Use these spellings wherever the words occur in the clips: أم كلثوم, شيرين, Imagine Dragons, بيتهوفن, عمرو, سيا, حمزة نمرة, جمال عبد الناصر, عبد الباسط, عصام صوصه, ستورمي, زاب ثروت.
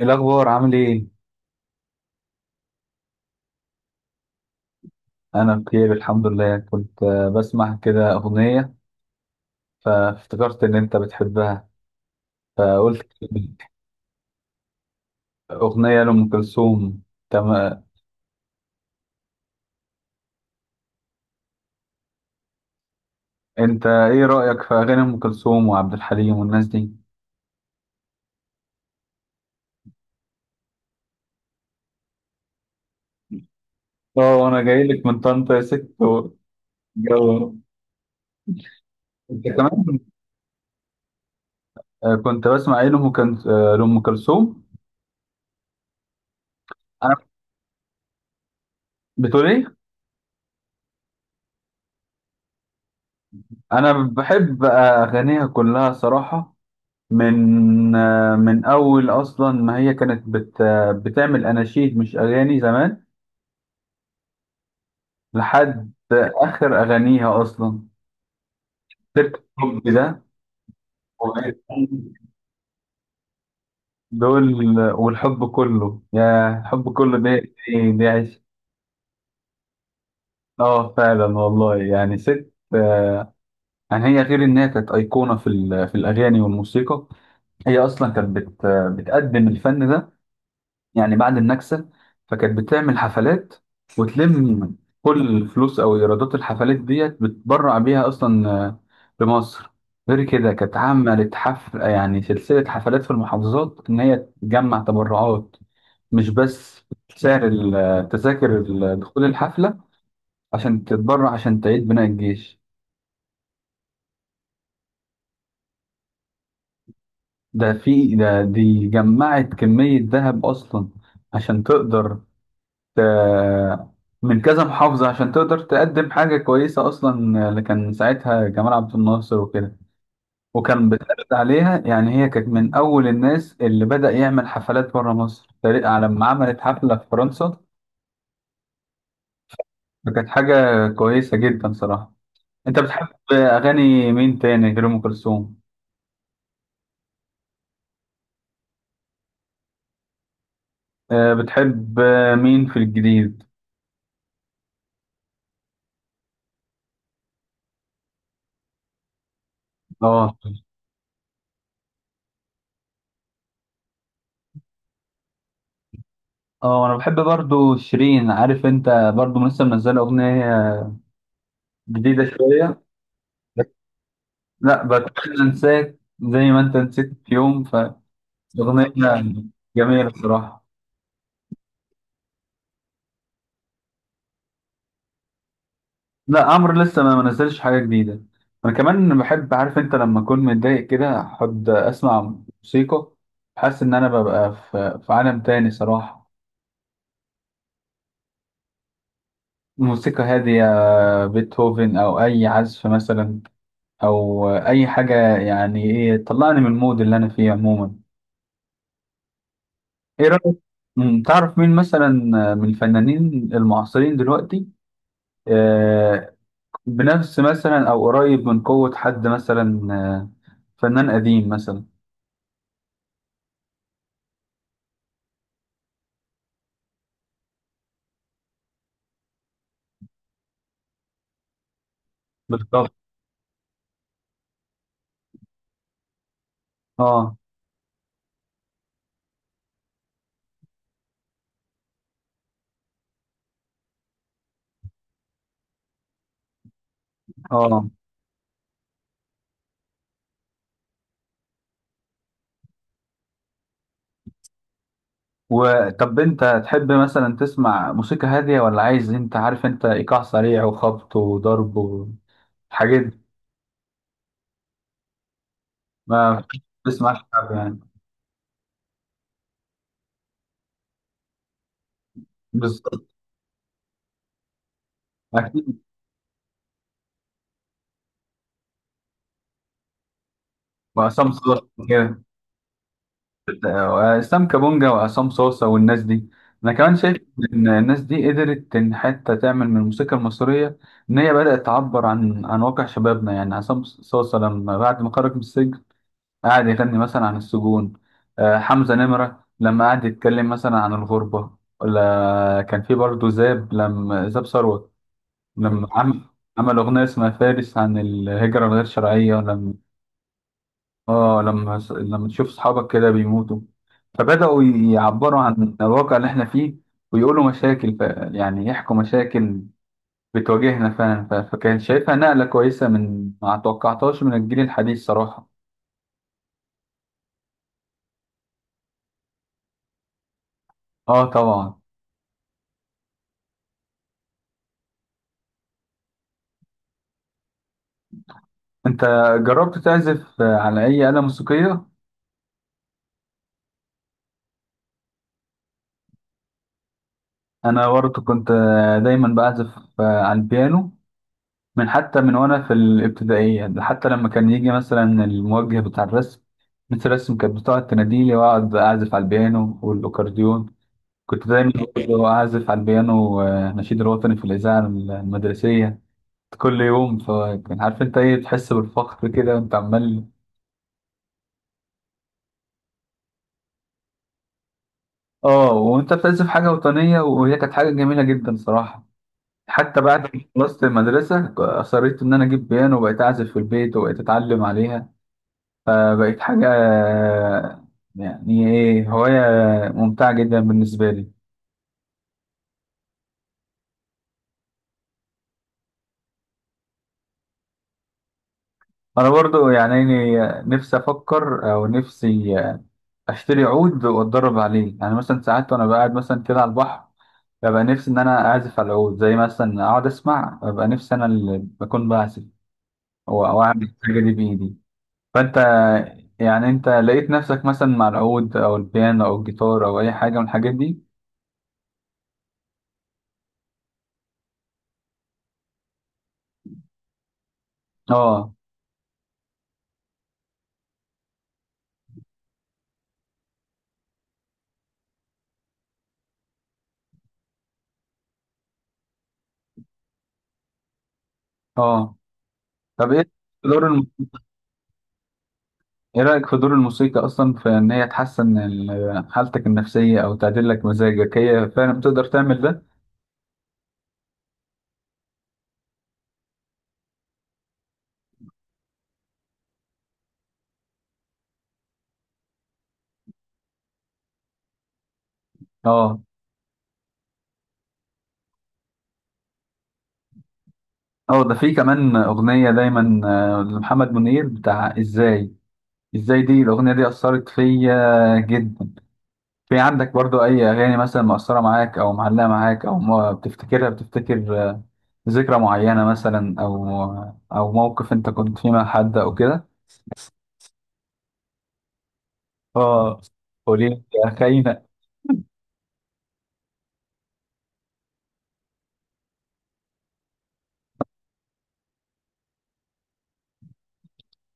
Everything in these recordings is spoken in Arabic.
إيه الأخبار عامل إيه؟ أنا بخير الحمد لله، كنت بسمع كده أغنية فافتكرت إن أنت بتحبها، فقلت أغنية لأم كلثوم. تمام. أنت إيه رأيك في أغاني أم كلثوم وعبد الحليم والناس دي؟ أه، أنا جاي لك من طنطا يا ست جو. أنت كمان كنت بسمع إيه لأم كل- آه، لأم كلثوم؟ أنا بتقول إيه؟ أنا بحب أغانيها كلها صراحة. من من اول اصلا، ما هي كانت بت آه، بتعمل اناشيد مش اغاني زمان لحد اخر اغانيها اصلا. سيرة الحب ده، دول والحب كله، يا الحب كله ده ايه، ده عشق. اه فعلا والله، يعني ست يعني هي غير انها كانت ايقونه في الاغاني والموسيقى، هي اصلا كانت بت آه، بتقدم الفن ده يعني بعد النكسة. فكانت بتعمل حفلات وتلم كل الفلوس أو إيرادات الحفلات ديت بتبرع بيها أصلا، لمصر. غير كده كانت عملت حفل، يعني سلسلة حفلات في المحافظات إن هي تجمع تبرعات، مش بس سعر التذاكر دخول الحفلة، عشان تتبرع عشان تعيد بناء الجيش. ده في ده، دي جمعت كمية ذهب أصلا عشان تقدر، آه، من كذا محافظة، عشان تقدر تقدم حاجة كويسة أصلا، اللي كان ساعتها جمال عبد الناصر وكده. وكان بيتعرض عليها، يعني هي كانت من أول الناس اللي بدأ يعمل حفلات بره مصر تقريبا، على لما عملت حفلة في فرنسا. فكانت حاجة كويسة جدا صراحة. أنت بتحب أغاني مين تاني غير أم كلثوم؟ بتحب مين في الجديد؟ اه. اه انا بحب برضو شيرين، عارف انت برضو لسه منزله اغنيه جديده شويه. لا، بتخيل انساك زي ما انت نسيت في يوم. فاغنيه جميله الصراحه. لا عمرو لسه ما نزلش حاجه جديده. انا كمان بحب، عارف انت، لما اكون متضايق كده احب اسمع موسيقى، حاسس ان انا ببقى في عالم تاني صراحه. موسيقى هاديه، بيتهوفن او اي عزف مثلا، او اي حاجه يعني ايه تطلعني من المود اللي انا فيه عموما. ايه رايك؟ تعرف مين مثلا من الفنانين المعاصرين دلوقتي، آه، بنفس مثلا او قريب من قوة حد مثلا، فنان قديم مثلا؟ بالظبط. اه. اه، وطب انت تحب مثلا تسمع موسيقى هادية، ولا عايز، انت عارف انت، ايقاع سريع وخبط وضرب والحاجات دي؟ ما بتسمعش شعب يعني؟ بالظبط. اكيد. وعصام صوت كده. واسلام كابونجا وعصام صوصه والناس دي، انا كمان شايف ان الناس دي قدرت ان حتى تعمل من الموسيقى المصريه، ان هي بدات تعبر عن واقع شبابنا. يعني عصام صوصه لما بعد ما خرج من السجن قعد يغني مثلا عن السجون، حمزه نمره لما قعد يتكلم مثلا عن الغربه، ولا كان في برضه زاب، لما زاب ثروت لما عمل اغنيه اسمها فارس عن الهجره الغير شرعيه. لما اه لما لما تشوف اصحابك كده بيموتوا فبدأوا يعبروا عن الواقع اللي احنا فيه ويقولوا مشاكل، يعني يحكوا مشاكل بتواجهنا فعلا، فكان شايفها نقلة كويسة من ما توقعتهاش من الجيل الحديث صراحة. اه طبعا. انت جربت تعزف على اي آلة موسيقية؟ انا برضه كنت دايما بعزف على البيانو، من حتى من وانا في الابتدائية، ده حتى لما كان يجي مثلا الموجه بتاع الرسم، مثل الرسم كانت بتقعد تناديلي واقعد اعزف على البيانو والاكورديون. كنت دايما برضه اعزف على البيانو نشيد الوطني في الاذاعة المدرسية كل يوم. فكان، عارف انت ايه، تحس بالفخر كده وانت عمال. اه وانت بتعزف حاجة وطنية، وهي كانت حاجة جميلة جدا صراحة. حتى بعد ما خلصت المدرصة أصريت إن أنا أجيب بيانو وبقيت أعزف في البيت وبقيت أتعلم عليها. فبقت حاجة يعني إيه، هواية ممتعة جدا بالنسبة لي. أنا برضو يعني إيه، نفسي أفكر أو نفسي أشتري عود وأتدرب عليه. يعني مثلا ساعات وأنا قاعد مثلا كده على البحر ببقى نفسي إن أنا أعزف على العود، زي مثلا أقعد أسمع ببقى نفسي أنا اللي بكون بعزف، أو أعمل الحاجة دي بإيدي. فأنت يعني، أنت لقيت نفسك مثلا مع العود أو البيانو أو الجيتار أو أي حاجة من الحاجات دي؟ آه. آه، طب إيه؟ دور. ايه رأيك في دور الموسيقى اصلا في ان هي تحسن حالتك النفسية او تعدل لك مزاجك، هي فعلا بتقدر تعمل ده؟ اه. اه ده في كمان اغنية دايما لمحمد منير بتاع ازاي. ازاي دي، الاغنية دي اثرت فيا جدا. في عندك برضو اي اغاني مثلا مؤثرة معاك او معلقة معاك، او ما بتفتكرها بتفتكر ذكرى معينة مثلا، او او موقف انت كنت فيه مع حد او كده؟ اه. قولي لي يا خاينة.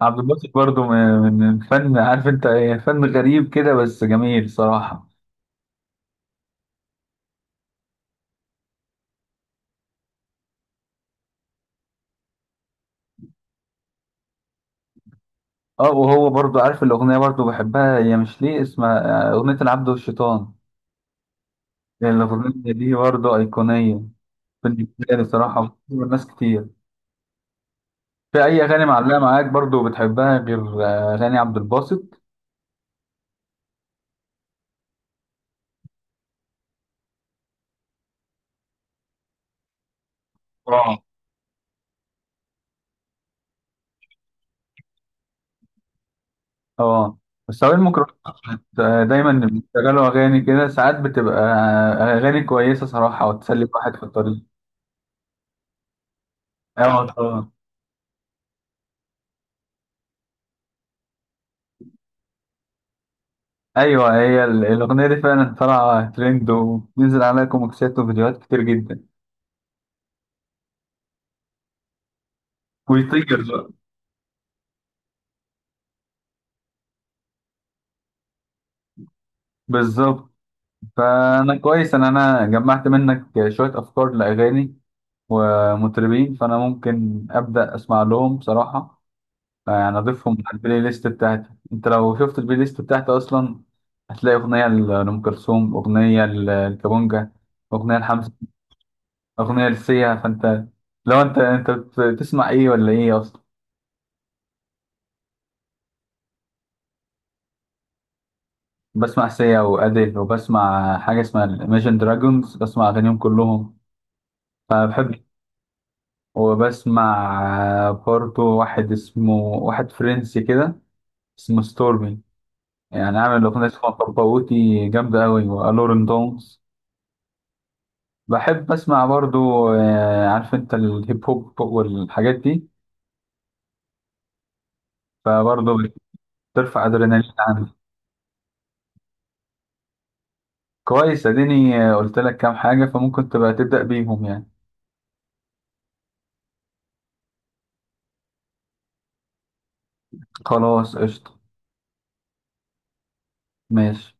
عبد الباسط برضه من من فن، عارف انت ايه، فن غريب كده بس جميل صراحة. اه، وهو برضه عارف الأغنية برضه بحبها، هي مش ليه اسمها أغنية العبد والشيطان، يعني الأغنية دي برضه أيقونية بالنسبة لي صراحة. ناس كتير. في أي أغاني معلقة معاك برضه بتحبها غير أغاني عبد الباسط؟ اه. اه بس هو الميكروفون دايما بيشغلوا أغاني كده، ساعات بتبقى أغاني كويسة صراحة وتسلي واحد في الطريق. اه طبعا. ايوه هي الاغنيه دي فعلا طالعه ترند وبينزل عليها كوميكسات وفيديوهات كتير جدا. ويطير بقى. بالظبط. فانا كويس ان انا جمعت منك شويه افكار لاغاني ومطربين، فانا ممكن ابدا اسمع لهم بصراحه، يعني اضيفهم على البلاي ليست بتاعتي. انت لو شفت البلاي ليست بتاعتي اصلا هتلاقي اغنيه لام كلثوم، اغنيه للكابونجا، اغنيه لحمزه، اغنيه لسيا. فانت، لو انت بتسمع ايه ولا ايه اصلا؟ بسمع سيا وأديل، وبسمع حاجة اسمها Imagine دراجونز، بسمع أغانيهم كلهم فبحب. وبسمع برضه واحد اسمه، واحد فرنسي كده اسمه ستورمي، يعني عامل أغنية اسمها باباوتي جامدة أوي وألورن دونز. بحب أسمع برضه عارف أنت الهيب هوب والحاجات دي، فبرضه بترفع أدرينالين عندي. كويس، أديني قلت لك كام حاجة فممكن تبقى تبدأ بيهم يعني. خلاص قشطة ماشي.